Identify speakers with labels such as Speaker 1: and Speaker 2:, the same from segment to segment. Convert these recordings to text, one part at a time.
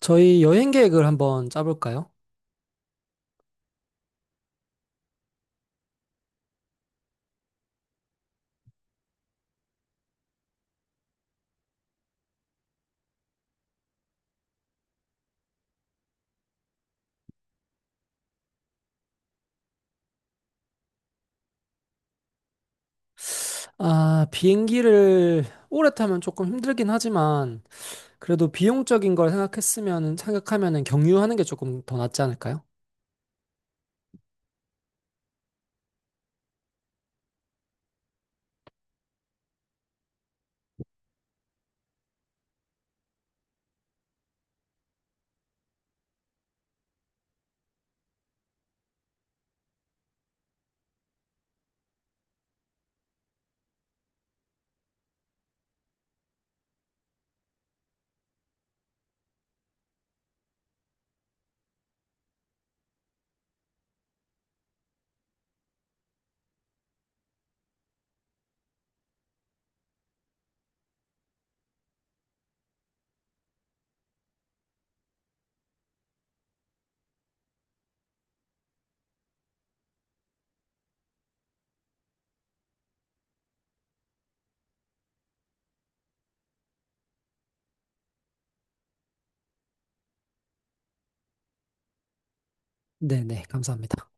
Speaker 1: 저희 여행 계획을 한번 짜볼까요? 아, 비행기를 오래 타면 조금 힘들긴 하지만 그래도 비용적인 걸 생각했으면 생각하면은 경유하는 게 조금 더 낫지 않을까요? 네네, 감사합니다.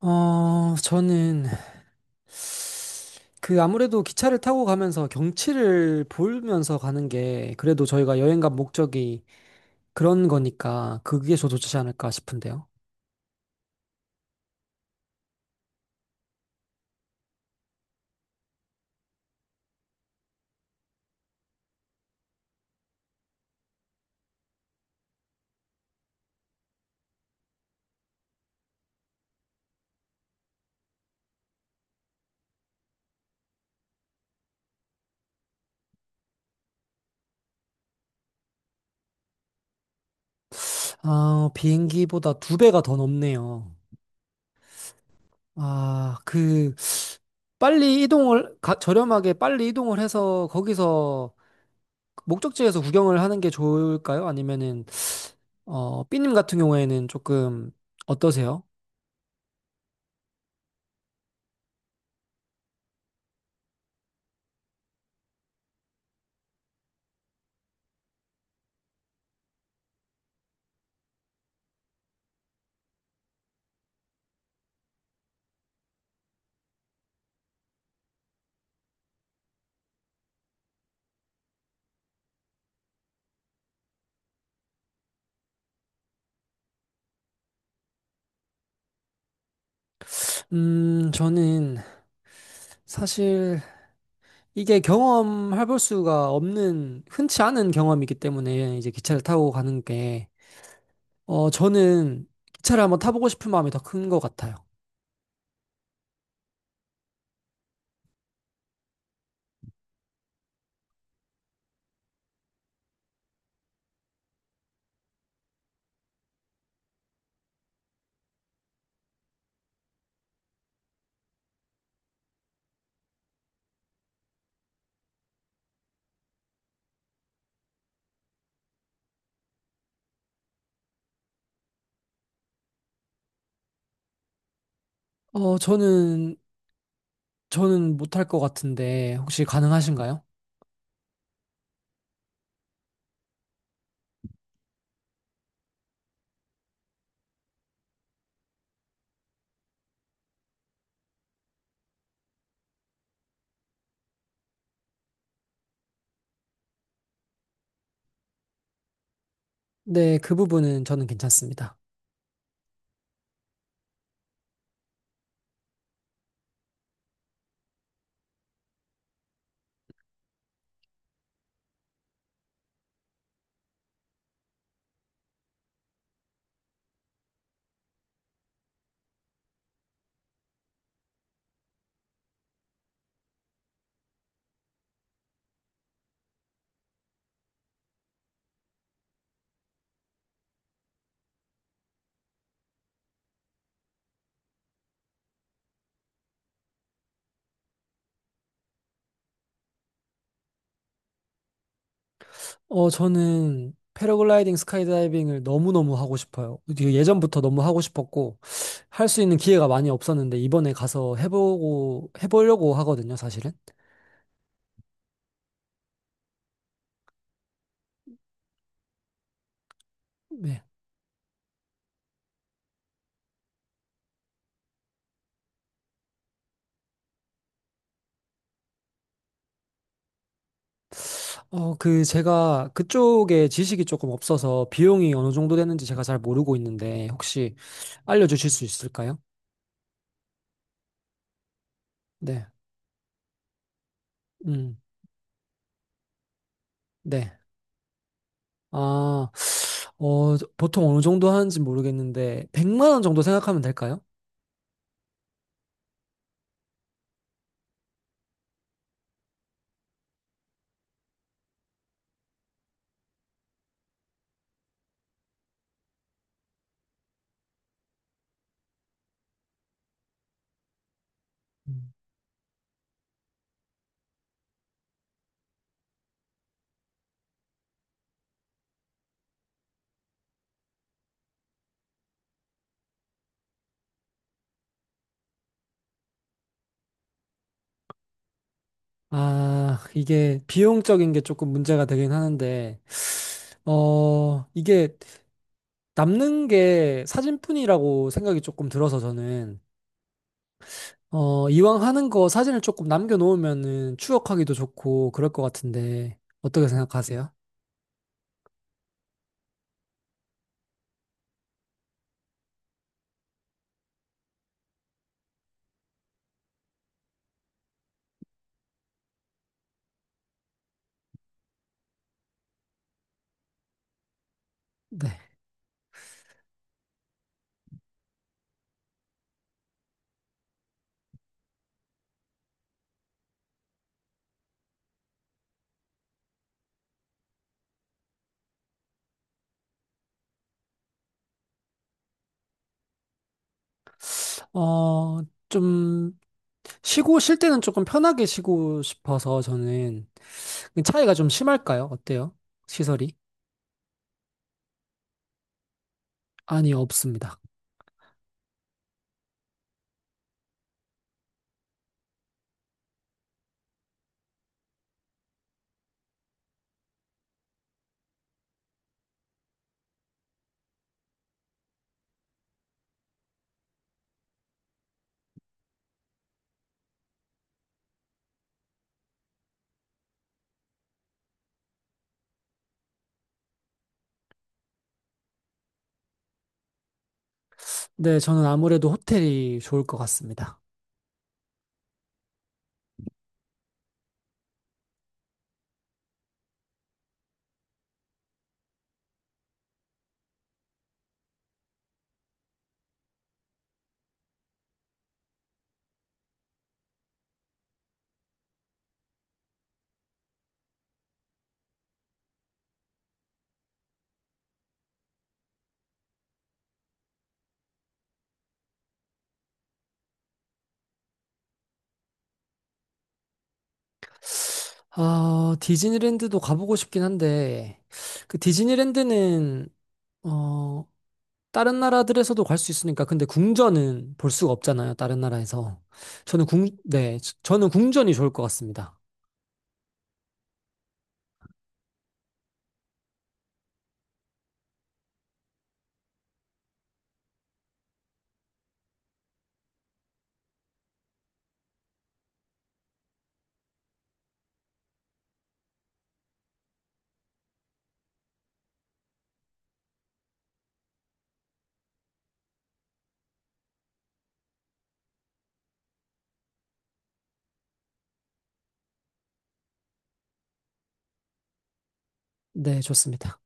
Speaker 1: 저는 아무래도 기차를 타고 가면서 경치를 보면서 가는 게 그래도 저희가 여행 간 목적이 그런 거니까 그게 더 좋지 않을까 싶은데요. 아, 비행기보다 두 배가 더 넘네요. 아, 그 빨리 저렴하게 빨리 이동을 해서 거기서 목적지에서 구경을 하는 게 좋을까요? 아니면은, 어, 삐님 같은 경우에는 조금 어떠세요? 저는 사실 이게 경험해 볼 수가 없는, 흔치 않은 경험이기 때문에 이제 기차를 타고 가는 게, 저는 기차를 한번 타보고 싶은 마음이 더 큰 것 같아요. 어, 저는 못할 것 같은데 혹시 가능하신가요? 네, 그 부분은 저는 괜찮습니다. 어, 저는 패러글라이딩, 스카이다이빙을 너무너무 하고 싶어요. 이게 예전부터 너무 하고 싶었고, 할 수 있는 기회가 많이 없었는데, 이번에 가서 해보고, 해보려고 하거든요, 사실은. 네. 어, 그, 제가 그쪽에 지식이 조금 없어서 비용이 어느 정도 되는지 제가 잘 모르고 있는데, 혹시 알려주실 수 있을까요? 네. 음, 네. 아, 보통 어느 정도 하는지 모르겠는데, 100만 원 정도 생각하면 될까요? 음. 아, 이게 비용적인 게 조금 문제가 되긴 하는데, 어, 이게 남는 게 사진뿐이라고 생각이 조금 들어서 저는, 어, 이왕 하는 거 사진을 조금 남겨놓으면은 추억하기도 좋고 그럴 것 같은데, 어떻게 생각하세요? 네. 어, 좀, 쉬고, 쉴 때는 조금 편하게 쉬고 싶어서 저는, 그 차이가 좀 심할까요? 어때요? 시설이? 아니, 없습니다. 네, 저는 아무래도 호텔이 좋을 것 같습니다. 아, 디즈니랜드도 가보고 싶긴 한데, 그 디즈니랜드는, 어, 다른 나라들에서도 갈 수 있으니까, 근데 궁전은 볼 수가 없잖아요, 다른 나라에서. 저는 저는 궁전이 좋을 것 같습니다. 네, 좋습니다.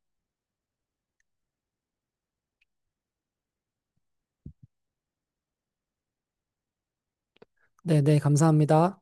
Speaker 1: 네, 네, 감사합니다.